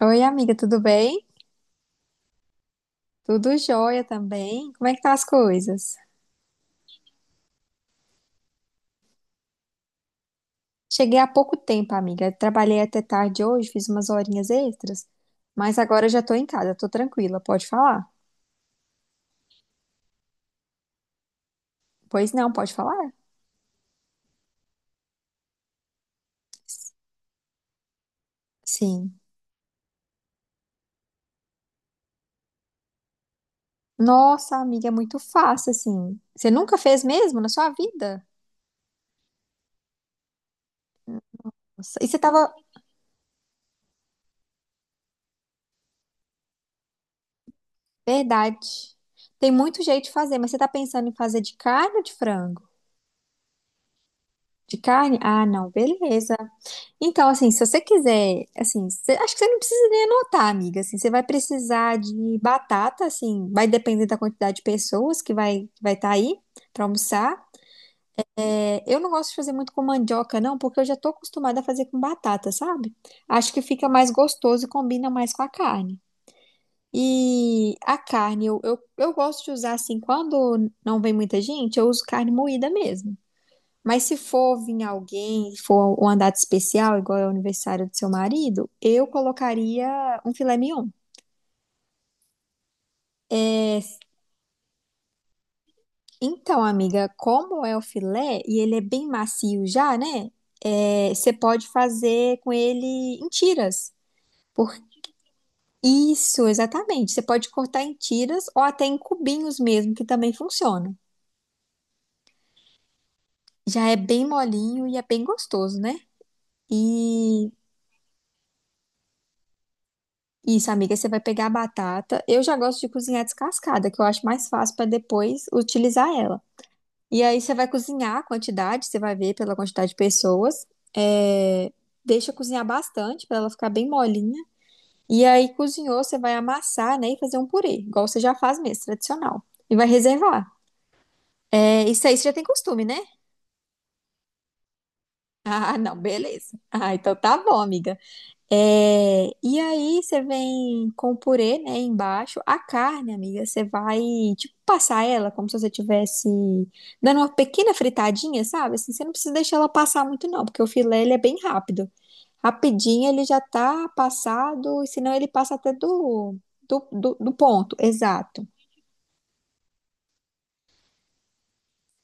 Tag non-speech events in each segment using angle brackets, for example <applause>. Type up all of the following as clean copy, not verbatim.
Oi, amiga, tudo bem? Tudo jóia também. Como é que tá as coisas? Cheguei há pouco tempo, amiga. Trabalhei até tarde hoje, fiz umas horinhas extras, mas agora eu já tô em casa, tô tranquila. Pode falar? Pois não, pode falar? Sim. Nossa, amiga, é muito fácil assim. Você nunca fez mesmo na sua vida? Nossa, E você tava. Verdade. Tem muito jeito de fazer, mas você tá pensando em fazer de carne ou de frango? De carne? Ah, não, beleza. Então, assim, se você quiser, assim, acho que você não precisa nem anotar, amiga, assim, você vai precisar de batata, assim, vai depender da quantidade de pessoas que vai estar aí para almoçar. É, eu não gosto de fazer muito com mandioca, não, porque eu já tô acostumada a fazer com batata, sabe? Acho que fica mais gostoso e combina mais com a carne. E a carne, eu gosto de usar, assim, quando não vem muita gente, eu uso carne moída mesmo. Mas se for vir alguém, for uma data especial, igual é o aniversário do seu marido, eu colocaria um filé mignon. Então, amiga, como é o filé e ele é bem macio já, né? É, você pode fazer com ele em tiras. Por isso, exatamente. Você pode cortar em tiras ou até em cubinhos mesmo, que também funciona. Já é bem molinho e é bem gostoso, né? E Isso, amiga, você vai pegar a batata. Eu já gosto de cozinhar descascada, que eu acho mais fácil para depois utilizar ela. E aí você vai cozinhar a quantidade, você vai ver pela quantidade de pessoas. É, Deixa cozinhar bastante para ela ficar bem molinha. E aí cozinhou, você vai amassar, né, e fazer um purê, igual você já faz mesmo, tradicional. E vai reservar. É, Isso aí você já tem costume, né? <laughs> Ah, não, beleza. Ah, então tá bom, amiga. É, e aí você vem com o purê, né, embaixo. A carne, amiga, você vai, tipo, passar ela como se você tivesse dando uma pequena fritadinha, sabe? Assim, você não precisa deixar ela passar muito não, porque o filé, ele é bem rápido. Rapidinho ele já tá passado, e senão ele passa até do, do ponto, exato.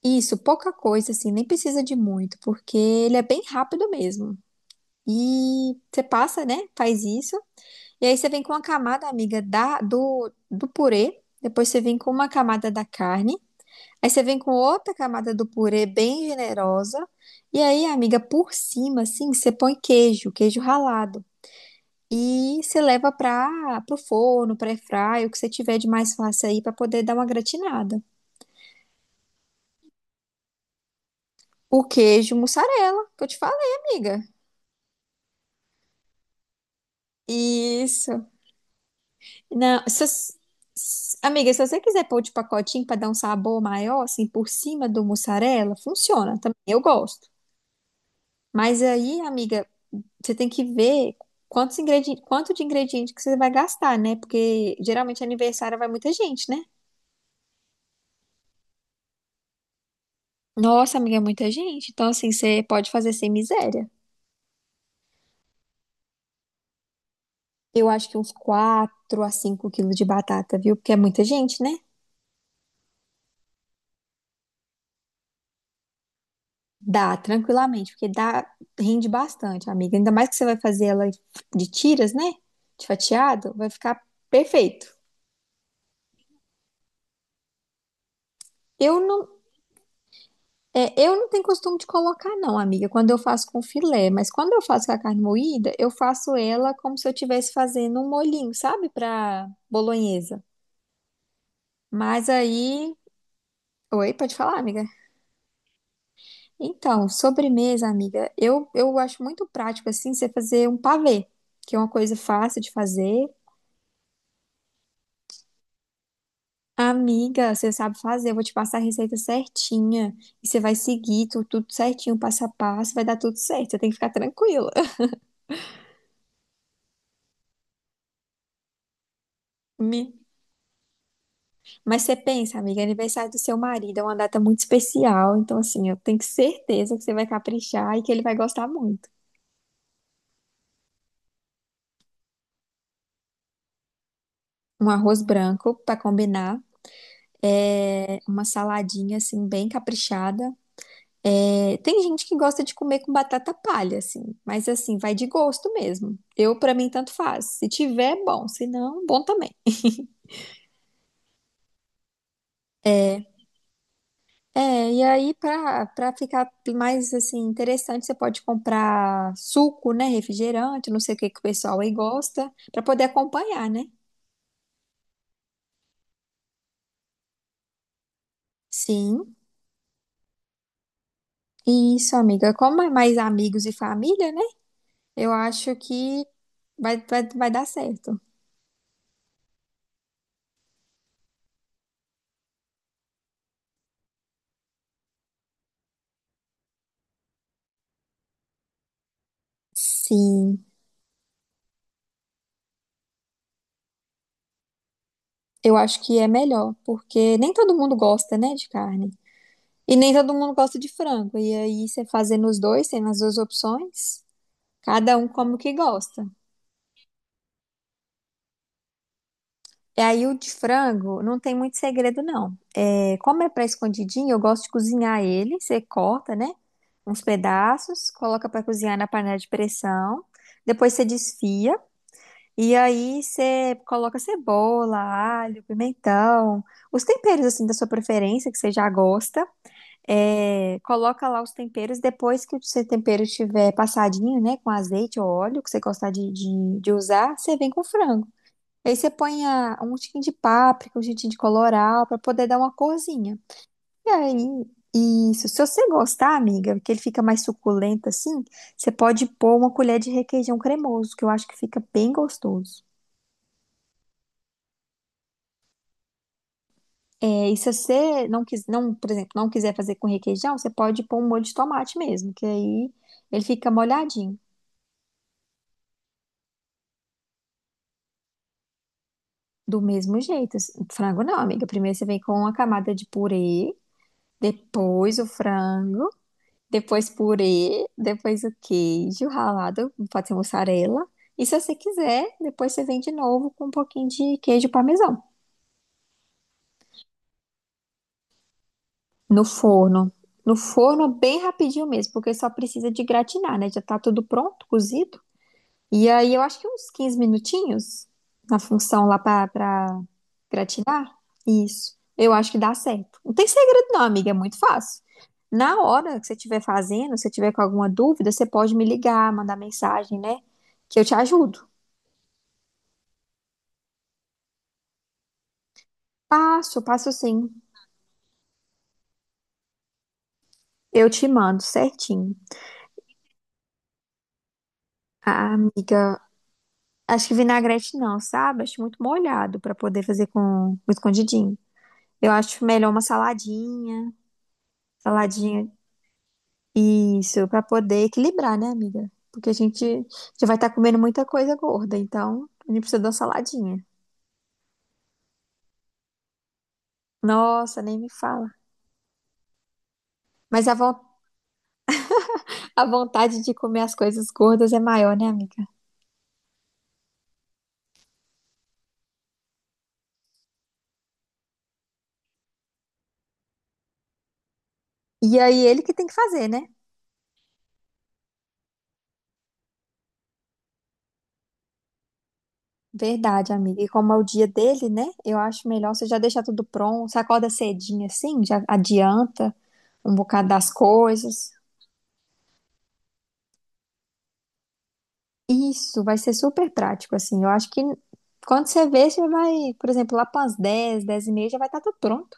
Isso, pouca coisa, assim, nem precisa de muito, porque ele é bem rápido mesmo. E você passa, né, faz isso. E aí você vem com uma camada, amiga, do purê. Depois você vem com uma camada da carne. Aí você vem com outra camada do purê bem generosa. E aí, amiga, por cima, assim, você põe queijo, queijo ralado. E você leva para o forno, para airfryer, o que você tiver de mais fácil aí para poder dar uma gratinada. O queijo mussarela, que eu te falei, amiga. Isso. Não, amiga, se você quiser pôr de pacotinho para dar um sabor maior, assim, por cima do mussarela, funciona também. Eu gosto. Mas aí, amiga, você tem que ver quantos ingredientes, quanto de ingrediente que você vai gastar, né? Porque geralmente aniversário vai muita gente, né? Nossa, amiga, é muita gente. Então, assim, você pode fazer sem miséria. Eu acho que uns 4 a 5 quilos de batata, viu? Porque é muita gente, né? Dá, tranquilamente, porque dá, rende bastante, amiga. Ainda mais que você vai fazer ela de tiras, né? De fatiado, vai ficar perfeito. Eu não, é, eu não tenho costume de colocar, não, amiga, quando eu faço com filé, mas quando eu faço com a carne moída, eu faço ela como se eu estivesse fazendo um molhinho, sabe? Pra bolonhesa. Mas aí. Oi, pode falar, amiga? Então, sobremesa, amiga, eu acho muito prático, assim, você fazer um pavê, que é uma coisa fácil de fazer. Amiga, você sabe fazer, eu vou te passar a receita certinha. E você vai seguir tudo, certinho, passo a passo, vai dar tudo certo. Você tem que ficar tranquila. <laughs> Me- Mas você pensa, amiga, é aniversário do seu marido é uma data muito especial. Então, assim, eu tenho certeza que você vai caprichar e que ele vai gostar muito. Um arroz branco pra combinar. É uma saladinha, assim, bem caprichada. É, tem gente que gosta de comer com batata palha, assim, mas assim, vai de gosto mesmo. Eu, pra mim, tanto faz. Se tiver, é bom. Se não, bom também. É, e aí para ficar mais assim interessante, você pode comprar suco, né, refrigerante, não sei o que que o pessoal aí gosta, para poder acompanhar, né? Sim. Isso, amiga. Como é mais amigos e família, né? Eu acho que vai dar certo. Sim. Eu acho que é melhor, porque nem todo mundo gosta, né, de carne. E nem todo mundo gosta de frango. E aí você fazendo os dois, tendo as duas opções, cada um como que gosta. E aí o de frango não tem muito segredo, não. É, como é para escondidinho, eu gosto de cozinhar ele. Você corta, né? Uns pedaços, coloca para cozinhar na panela de pressão. Depois você desfia. E aí você coloca cebola, alho, pimentão, os temperos assim da sua preferência, que você já gosta. É, coloca lá os temperos. Depois que o seu tempero estiver passadinho, né? Com azeite ou óleo, que você gostar de usar, você vem com o frango. Aí você põe a- um tiquinho de páprica, um tiquinho de colorau, pra poder dar uma corzinha. E aí, isso. Se você gostar, amiga, que ele fica mais suculento assim, você pode pôr uma colher de requeijão cremoso, que eu acho que fica bem gostoso. É, e se você não quis, não, por exemplo, não quiser fazer com requeijão, você pode pôr um molho de tomate mesmo, que aí ele fica molhadinho. Do mesmo jeito. Assim, Frango não, amiga. Primeiro você vem com uma camada de purê, depois o frango. Depois purê, depois o queijo ralado, pode ser mussarela. E se você quiser, depois você vem de novo com um pouquinho de queijo parmesão. No forno. No forno, bem rapidinho mesmo, porque só precisa de gratinar, né? Já tá tudo pronto, cozido. E aí eu acho que uns 15 minutinhos na função lá pra gratinar. Isso. Eu acho que dá certo. Não tem segredo não, amiga, é muito fácil. Na hora que você estiver fazendo, se você tiver com alguma dúvida, você pode me ligar, mandar mensagem, né? Que eu te ajudo. Passo, passo sim. Eu te mando certinho. Ah, amiga, acho que vinagrete não, sabe? Acho muito molhado pra poder fazer com escondidinho. Eu acho melhor uma saladinha, saladinha. Isso, pra poder equilibrar, né, amiga? Porque a gente já vai estar comendo muita coisa gorda, então a gente precisa de uma saladinha. Nossa, nem me fala. Mas a, a vontade de comer as coisas gordas é maior, né, amiga? E aí ele que tem que fazer, né? Verdade, amiga. E como é o dia dele, né? Eu acho melhor você já deixar tudo pronto. Você acorda cedinho assim, já adianta um bocado das coisas. Isso, vai ser super prático, assim. Eu acho que quando você vê, você vai, por exemplo, lá para as 10h, 10h30 já vai estar tudo pronto.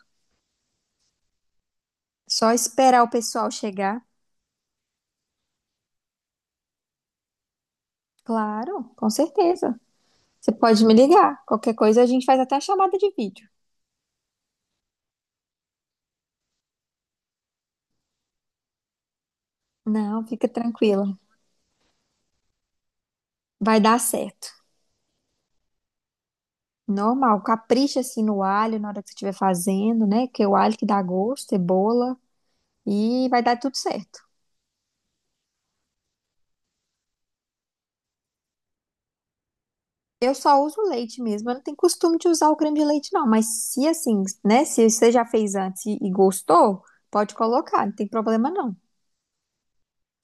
Só esperar o pessoal chegar. Claro, com certeza. Você pode me ligar. Qualquer coisa a gente faz até a chamada de vídeo. Não, fica tranquila. Vai dar certo. Normal. Capricha assim no alho na hora que você estiver fazendo, né? Que é o alho que dá gosto, cebola. E vai dar tudo certo. Eu só uso leite mesmo. Eu não tenho costume de usar o creme de leite, não. Mas se assim, né? Se você já fez antes e gostou, pode colocar. Não tem problema, não.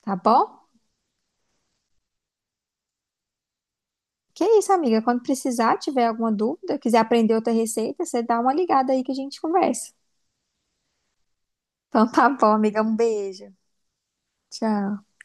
Tá bom? Que é isso, amiga? Quando precisar, tiver alguma dúvida, quiser aprender outra receita, você dá uma ligada aí que a gente conversa. Então tá bom, amiga. Um beijo. Tchau.